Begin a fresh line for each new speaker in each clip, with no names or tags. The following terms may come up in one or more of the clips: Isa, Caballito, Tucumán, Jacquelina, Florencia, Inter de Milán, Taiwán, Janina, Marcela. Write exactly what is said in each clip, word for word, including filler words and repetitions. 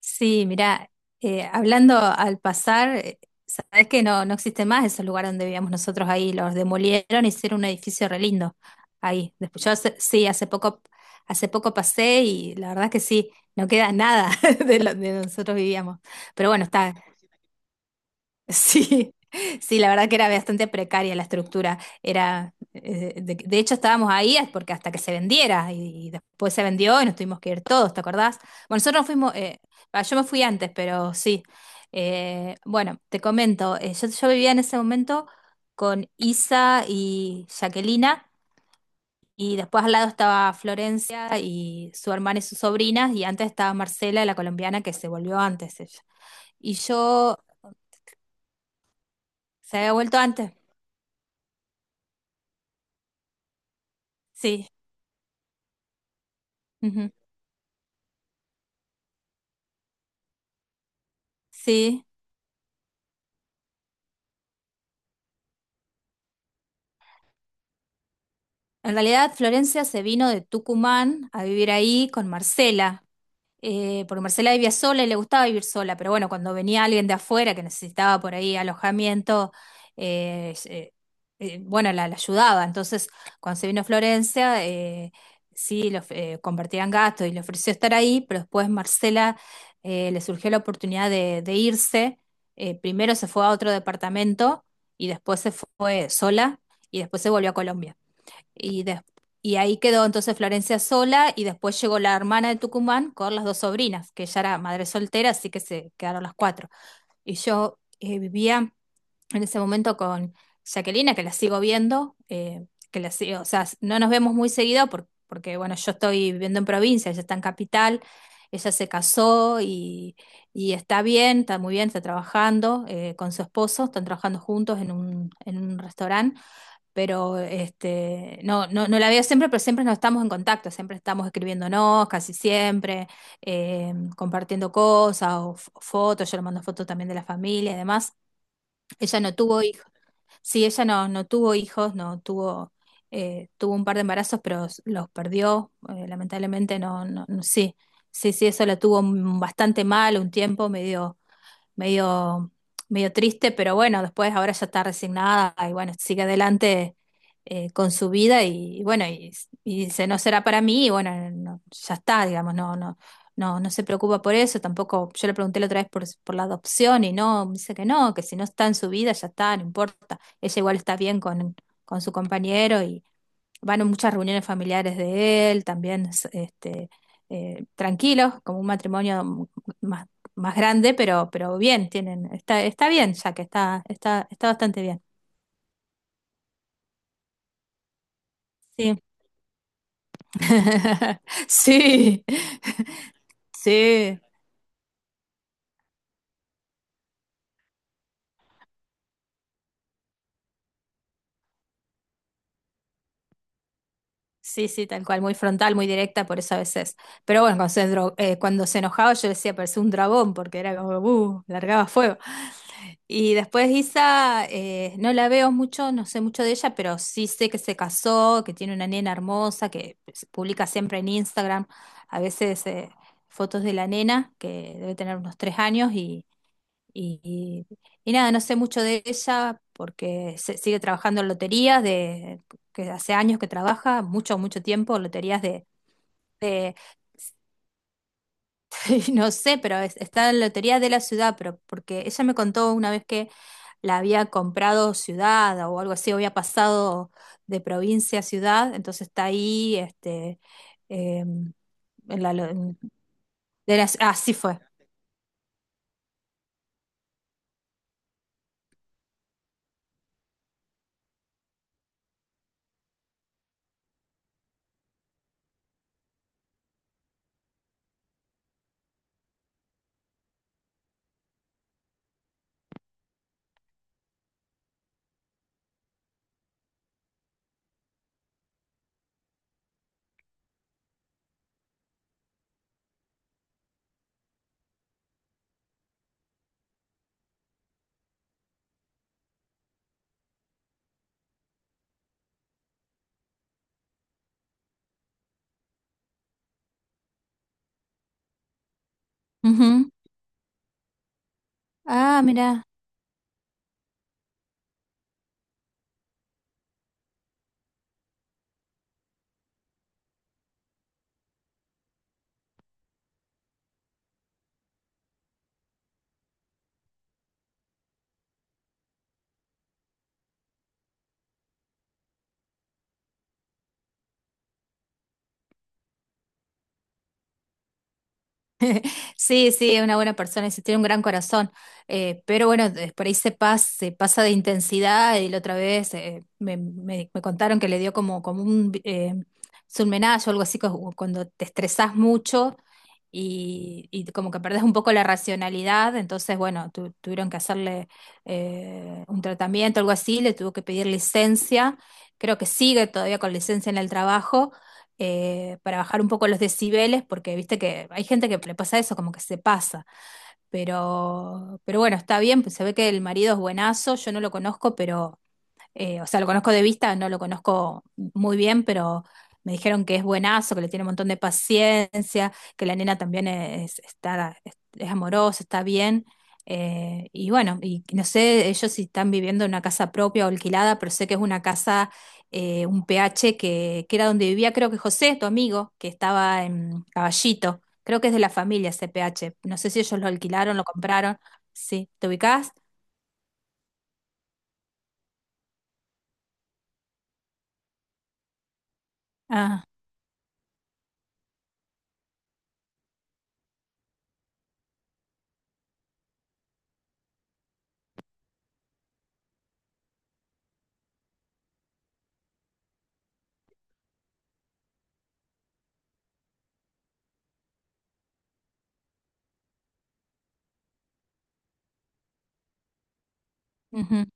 Sí, mira, eh, hablando al pasar, eh, sabes que no, no existe más esos lugares donde vivíamos nosotros ahí, los demolieron, hicieron un edificio re lindo ahí. Después yo hace- sí, hace poco, hace poco pasé y la verdad que sí, no queda nada de lo- de donde nosotros vivíamos. Pero bueno, sí, sí, la verdad que era bastante precaria la estructura. Era, eh, de, de hecho, estábamos ahí es porque hasta que se vendiera y, y después se vendió y nos tuvimos que ir todos, ¿te acordás? Bueno, nosotros nos fuimos, eh, ah, yo me fui antes, pero sí. Eh, bueno, te comento, eh, yo, yo vivía en ese momento con Isa y Jaquelina y después al lado estaba Florencia y su hermana y sus sobrinas y antes estaba Marcela, la colombiana que se volvió antes ella. Y yo, se había vuelto antes, sí. Ujú. Sí, en realidad Florencia se vino de Tucumán a vivir ahí con Marcela, eh, porque Marcela vivía sola y le gustaba vivir sola, pero bueno, cuando venía alguien de afuera que necesitaba por ahí alojamiento, eh, eh, eh, bueno, la, la ayudaba. Entonces, cuando se vino a Florencia, eh, sí, lo, eh, compartían gastos y le ofreció estar ahí, pero después Marcela eh, le surgió la oportunidad de, de irse. Eh, primero se fue a otro departamento y después se fue sola y después se volvió a Colombia. Y, des- y ahí quedó entonces Florencia sola y después llegó la hermana de Tucumán con las dos sobrinas, que ella era madre soltera, así que se quedaron las cuatro. Y yo eh, vivía en ese momento con Jacquelina, que la sigo viendo, eh, que la sigo, o sea, s- no nos vemos muy seguido por- porque, bueno, yo estoy viviendo en provincia, ella está en capital, ella se casó y, y está bien, está muy bien, está trabajando eh, con su esposo, están trabajando juntos en un, en un restaurante, pero este, no, no, no la veo siempre, pero siempre nos estamos en contacto, siempre estamos escribiéndonos, casi siempre, eh, compartiendo cosas o f- fotos, yo le mando fotos también de la familia y demás. Ella no tuvo hijos, sí, ella no, no tuvo hijos, no tuvo, eh, tuvo un par de embarazos, pero s- los perdió, eh, lamentablemente no, no, no- sí, sí, sí, eso la tuvo m- bastante mal un tiempo, medio medio, medio triste, pero bueno, después ahora ya está resignada y bueno, sigue adelante eh, con su vida y, y bueno, y, y dice, no será para mí, y bueno, no, ya está, digamos, no, no, no, no se preocupa por eso, tampoco. Yo le pregunté la otra vez por, por la adopción y no, me dice que no, que si no está en su vida, ya está, no importa, ella igual está bien con, con su compañero y van a muchas reuniones familiares de él, también este, eh, tranquilos, como un matrimonio mm, más más grande, pero, pero bien, tienen, está, está bien, ya que está, está, está bastante bien. Sí. Sí, sí, sí, sí, tal cual, muy frontal, muy directa, por eso a veces. Pero bueno, cuando se, dro- eh, cuando se enojaba yo decía, parecía un dragón, porque era como, uh, largaba fuego. Y después Isa, eh, no la veo mucho, no sé mucho de ella, pero sí sé que se casó, que tiene una nena hermosa, que se publica siempre en Instagram, a veces eh, fotos de la nena, que debe tener unos tres años, y, y, y- y nada, no sé mucho de ella porque se- sigue trabajando en loterías, de, que hace años que trabaja, mucho, mucho tiempo, loterías de, no sé, pero es- está en la lotería de la ciudad, pero porque ella me contó una vez que la había comprado ciudad o algo así, o había pasado de provincia a ciudad, entonces está ahí, este, em, en la, lo- en- de la- así fue. Ujú. Ah, mira. Sí, sí, es una buena persona, sí, tiene un gran corazón. Eh, pero bueno, de- por ahí se pasa, se pasa de intensidad y la otra vez eh, me, me- me contaron que le dio como, como un eh, surmenage o algo así, cu- cuando te estresás mucho y, y como que perdés un poco la racionalidad. Entonces, bueno, tu- tuvieron que hacerle eh, un tratamiento, algo así, le tuvo que pedir licencia. Creo que sigue todavía con licencia en el trabajo eh, para bajar un poco los decibeles, porque viste que hay gente que le pasa eso, como que se pasa. Pero, pero bueno, está bien, pues se ve que el marido es buenazo, yo no lo conozco, pero eh, o sea, lo conozco de vista, no lo conozco muy bien, pero me dijeron que es buenazo, que le tiene un montón de paciencia, que la nena también es, está, es, es amorosa, está bien. Eh, y bueno, y no sé ellos si están viviendo en una casa propia o alquilada, pero sé que es una casa, eh, un P H que, que era donde vivía, creo que José, tu amigo, que estaba en Caballito. Creo que es de la familia ese P H. No sé si ellos lo alquilaron, lo compraron. Sí, ¿te ubicás? Ah, ujú.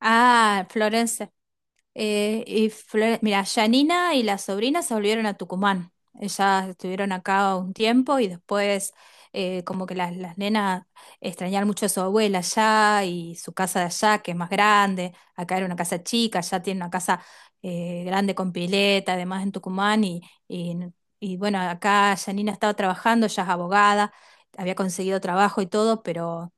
Ah, Florence. Eh, y Flore- mira, Janina y la sobrina se volvieron a Tucumán. Ellas estuvieron acá un tiempo y después eh, como que las, las nenas extrañaron mucho a su abuela allá y su casa de allá, que es más grande. Acá era una casa chica, allá tiene una casa eh, grande con pileta, además en Tucumán. Y, y, y bueno, acá Janina estaba trabajando, ella es abogada, había conseguido trabajo y todo, pero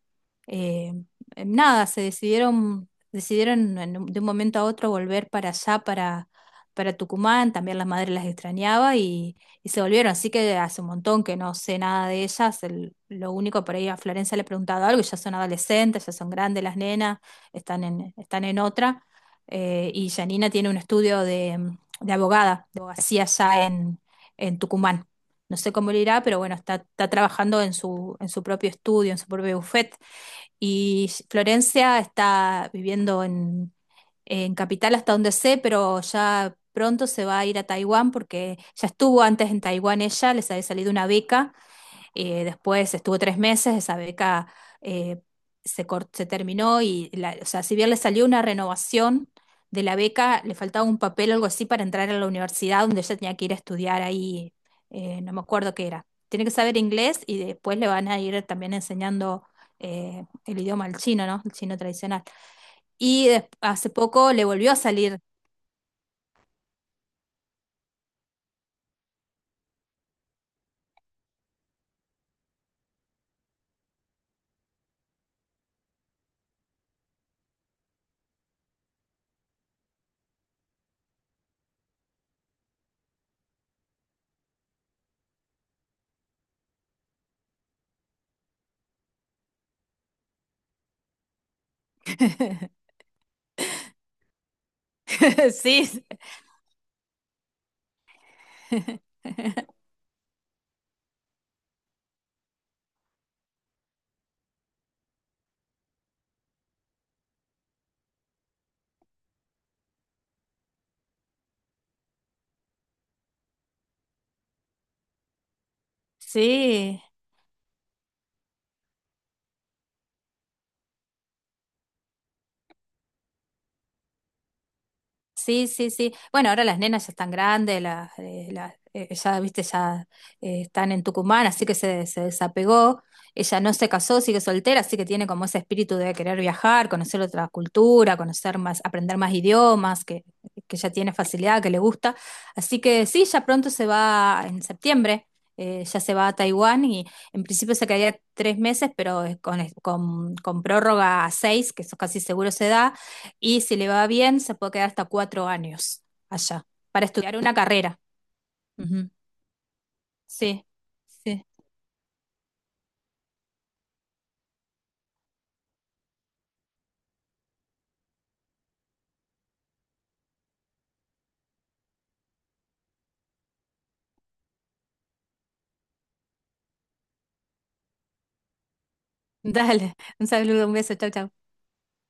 eh, eh, nada, se decidieron, decidieron en un- de un momento a otro volver para allá, para, para Tucumán, también la madre las extrañaba y, y se volvieron, así que hace un montón que no sé nada de ellas, el- lo único por ahí a Florencia le he preguntado algo, y ya son adolescentes, ya son grandes las nenas, están en, están en otra, eh, y Janina tiene un estudio de, mm, de abogada, de abogacía allá en, en Tucumán. No sé cómo le irá, pero bueno, está, está trabajando en su, en su propio estudio, en su propio bufete. Y Florencia está viviendo en, en Capital hasta donde sé, pero ya pronto se va a ir a Taiwán porque ya estuvo antes en Taiwán ella, les había salido una beca eh, después estuvo tres meses, esa beca eh, se, cor- se terminó y, la- o sea, si bien le salió una renovación de la beca, le faltaba un papel o algo así para entrar a la universidad donde ella tenía que ir a estudiar ahí, eh, no me acuerdo qué era. Tiene que saber inglés y después le van a ir también enseñando eh, el idioma al chino, ¿no? El chino tradicional. Y des- hace poco le volvió a salir. Sí. Sí. Sí, sí, sí. Bueno, ahora las nenas ya están grandes, las, eh, las, eh, ya, viste, ya eh, están en Tucumán, así que se, se desapegó. Ella no se casó, sigue soltera, así que tiene como ese espíritu de querer viajar, conocer otra cultura, conocer más, aprender más idiomas, que, que ya tiene facilidad, que le gusta. Así que sí, ya pronto se va en septiembre, eh, ya se va a Taiwán y en principio se quedaría tres meses, pero eh, con, con, con prórroga a seis, que eso casi seguro se da y si le va bien, se puede quedar hasta cuatro años allá para estudiar una carrera. Ujú. Sí, sí. Dale, un saludo, un beso, chau, chau.